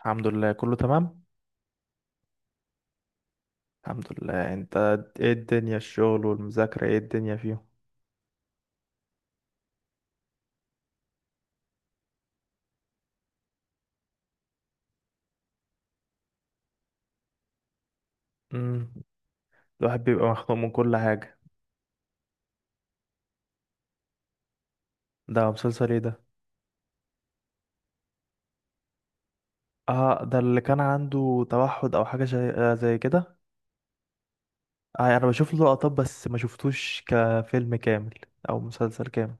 الحمد لله، كله تمام. الحمد لله، انت؟ ايه الدنيا؟ الشغل والمذاكرة ايه الدنيا فيهم؟ امم. الواحد بيبقى مخنوق من كل حاجة. ده مسلسل ايه ده؟ اه، ده اللي كان عنده توحد او حاجة زي كده. انا بشوف له لقطات، بس ما شفتوش كفيلم كامل، او مسلسل كامل.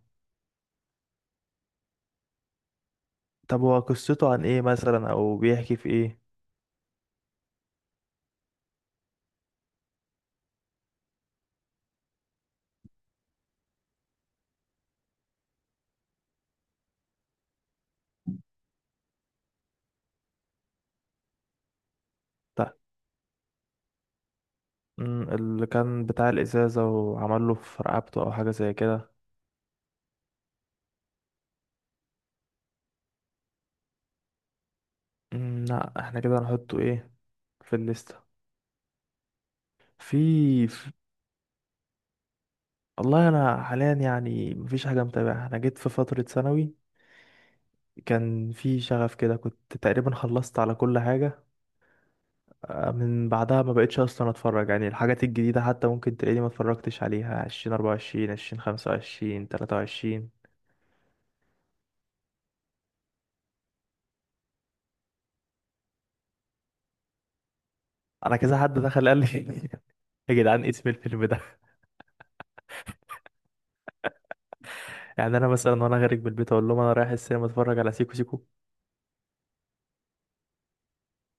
طب هو قصته عن ايه مثلا، او بيحكي في ايه؟ ده، اللي كان بتاع الازازة وعمل له في رقبته او حاجة زي كده. لا، احنا كده هنحطه، ايه، في الليستة. في. والله انا حاليا يعني مفيش حاجه متابعه، انا جيت في فتره ثانوي كان في شغف كده، كنت تقريبا خلصت على كل حاجه. من بعدها ما بقتش اصلا اتفرج، يعني الحاجات الجديده حتى ممكن تلاقيني ما اتفرجتش عليها 20 24 20 25 23. انا كذا حد دخل قال لي، يا جدعان، إيه اسم الفيلم ده؟ يعني انا مثلا وانا خارج من البيت اقول لهم انا رايح السينما اتفرج على سيكو سيكو.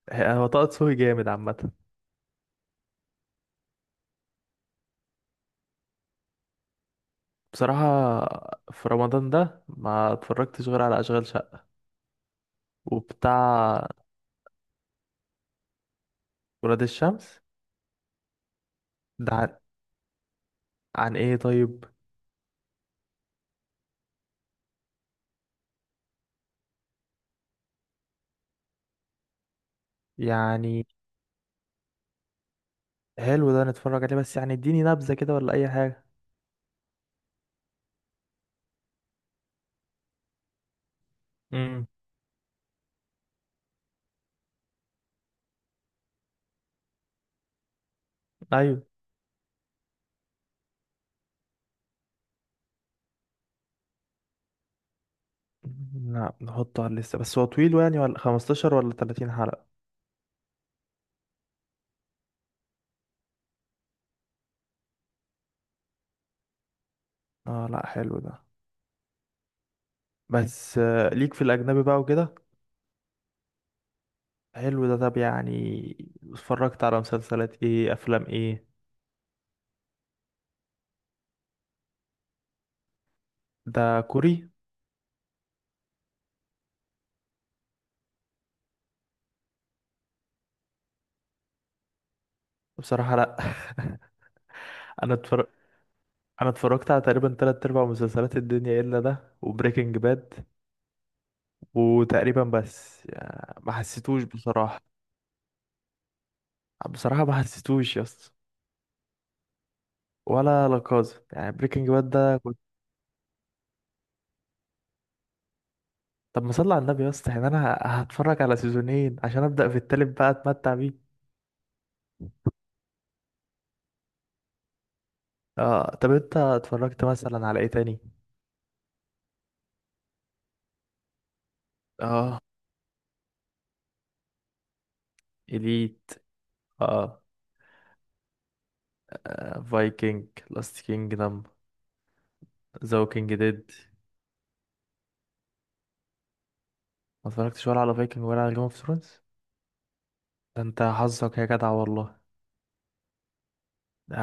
هو طه دسوقي جامد عامه. بصراحه، في رمضان ده ما اتفرجتش غير على اشغال شقه وبتاع ولاد الشمس. ده عن, عن ايه طيب؟ يعني حلو، ده نتفرج عليه، بس يعني اديني نبذة كده ولا اي حاجة. امم. ايوه. لا، نحطه على الليستة، بس هو طويل يعني؟ ولا 15 ولا 30 حلقة؟ اه، لا، حلو ده. بس ليك في الاجنبي بقى وكده. حلو ده، طب يعني اتفرجت على مسلسلات ايه، افلام ايه؟ ده كوري؟ بصراحة لا. انا اتفرج، انا اتفرجت على تقريبا تلات ارباع مسلسلات الدنيا، الا ده وبريكنج باد. وتقريبا بس يعني ما حسيتوش بصراحة. بصراحة ما حسيتوش يا اسطى. ولا لاكازا، يعني بريكنج باد ده كنت. طب ما صلي على النبي يا اسطى، يعني انا هتفرج على سيزونين عشان ابدأ في التالت بقى اتمتع بيه؟ اه، طب انت اتفرجت مثلا على ايه تاني؟ اه. اليت. اه. فايكنج، لاست كينجدم. ذا ووكينج ديد. ما اتفرجتش ولا على فايكنج ولا على جيم اوف ثرونز. ده انت حظك يا جدع والله! ده،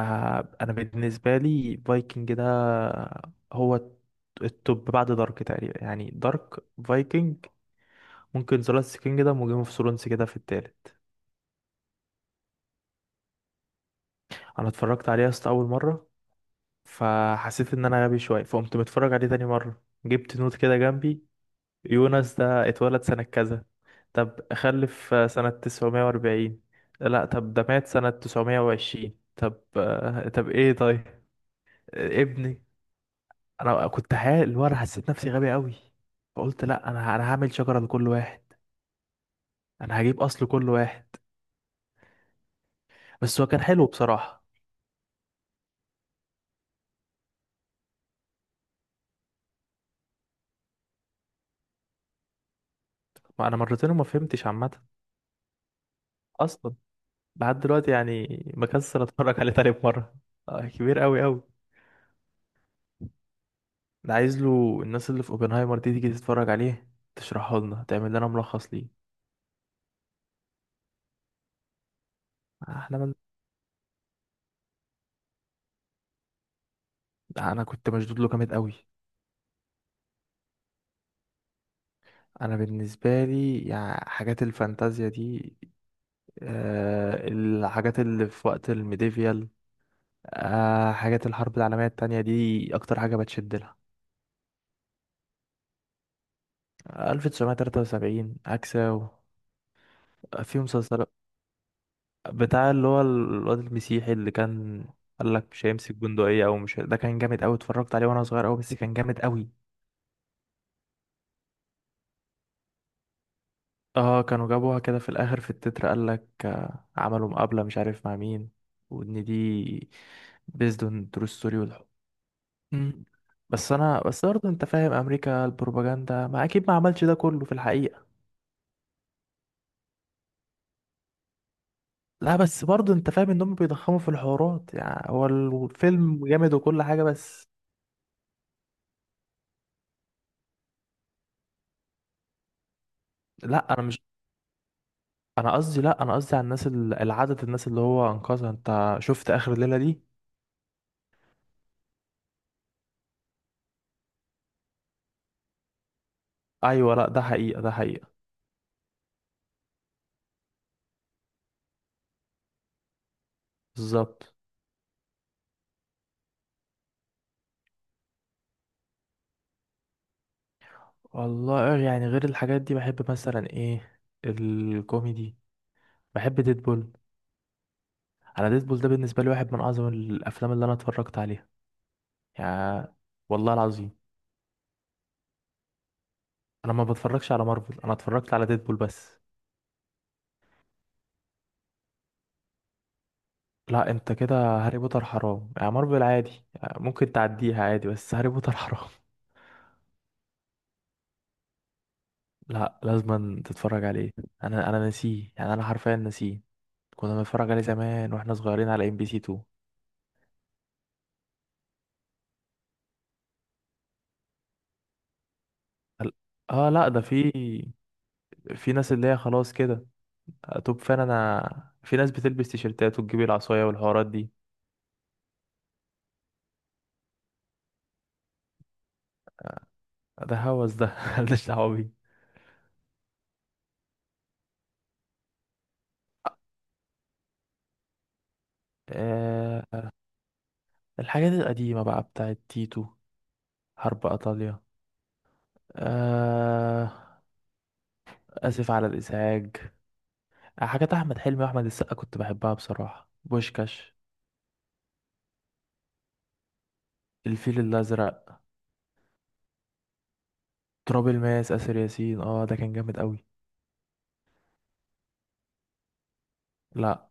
انا بالنسبه لي فايكنج ده، هو التوب بعد دارك تقريبا، يعني دارك، فايكنج، ممكن ذا لاست كينجدم وجيم اوف ثرونز كده في التالت. انا اتفرجت عليه اصلا اول مره، فحسيت ان انا غبي شويه، فقمت متفرج عليه تاني مره، جبت نوت كده جنبي. يونس ده اتولد سنه كذا، طب خلف سنه 940، لا طب ده مات سنه 920، طب طب ايه طيب. ابني، انا كنت حال اللي هو انا حسيت نفسي غبي قوي. فقلت لا، انا هعمل شجره لكل واحد، انا هجيب اصل كل واحد. بس هو كان حلو بصراحه. ما انا مرتين وما فهمتش عامه. اصلا لحد دلوقتي يعني مكسل اتفرج عليه تاني مره. كبير قوي قوي. انا عايز له الناس اللي في اوبنهايمر دي تيجي تتفرج عليه، تشرحه لنا تعمل لنا ملخص ليه. احنا من... انا كنت مشدود له جامد قوي. انا بالنسبه لي يعني حاجات الفانتازيا دي، الحاجات اللي في وقت الميديفيال، حاجات الحرب العالمية التانية دي أكتر حاجة بتشد لها. 1973 عكسة. في مسلسل بتاع اللي هو الواد المسيحي اللي كان قالك مش هيمسك بندقية، أو مش هي- ده كان جامد أوي، اتفرجت عليه وأنا صغير أوي، بس كان جامد أوي. اه، كانوا جابوها كده في الآخر في التتر قالك، عملوا مقابلة مش عارف مع مين، وإن دي based on true story والحب. مم. بس أنا بس برضه أنت فاهم، أمريكا البروباجندا ما أكيد ما عملش ده كله في الحقيقة. لا بس برضه انت فاهم ان هم بيضخموا في الحوارات، يعني هو الفيلم جامد وكل حاجه بس. لا انا مش، انا قصدي، لا، انا قصدي على الناس العدد الناس اللي هو انقذها، انت شفت اخر الليله دي؟ ايوه لا، ده حقيقه، ده حقيقه. بالظبط. والله يعني غير الحاجات دي بحب مثلا ايه، الكوميدي. بحب ديدبول. انا ديدبول ده بالنسبه لي واحد من اعظم الافلام اللي انا اتفرجت عليها، يعني والله العظيم. انا ما بتفرجش على مارفل، انا اتفرجت على ديدبول بس. لا انت كده! هاري بوتر حرام، يعني مارفل عادي، يعني ممكن تعديها عادي، بس هاري بوتر حرام. لا، لازم تتفرج عليه. انا نسيه، يعني انا حرفيا نسيه. كنا بنتفرج عليه زمان واحنا صغيرين على ام بي سي 2. ال- اه، لا ده في ناس اللي هي خلاص كده، توب فان، انا في ناس بتلبس تيشيرتات وتجيب العصايه والحوارات دي. ده هوس ده، مالناش دعوه بيه. آه الحاجات القديمة بقى بتاعت تيتو، حرب إيطاليا، آه آسف على الإزعاج، حاجات احمد حلمي واحمد السقا كنت بحبها بصراحه، بوشكاش. الفيل الازرق. تراب الماس، اسر ياسين، اه ده كان جامد قوي. لا.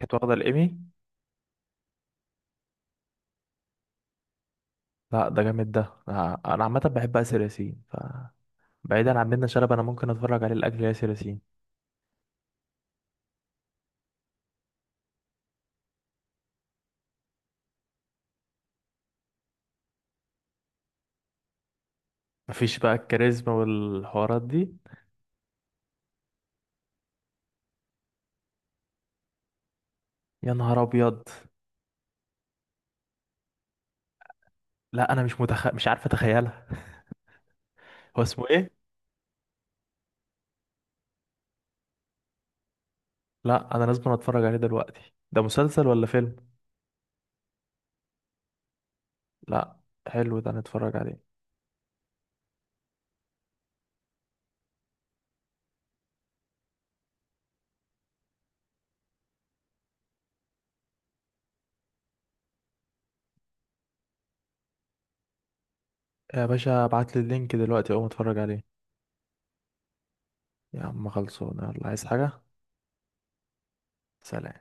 كانت واخده الايمي؟ لا ده جامد ده. لا، انا عامه بحب اسر ياسين. بعيدا عن منة شلبي انا ممكن اتفرج عليه لاجل ياسر ياسين. مفيش بقى الكاريزما والحوارات دي؟ يا نهار ابيض! لا انا مش عارف اتخيلها. هو اسمه ايه؟ لا انا لازم اتفرج عليه دلوقتي، ده مسلسل ولا فيلم؟ لا، حلو ده نتفرج عليه. يا باشا ابعت لي اللينك دلوقتي اقوم اتفرج عليه. يا عم خلصونا، يلا عايز حاجة؟ سلام.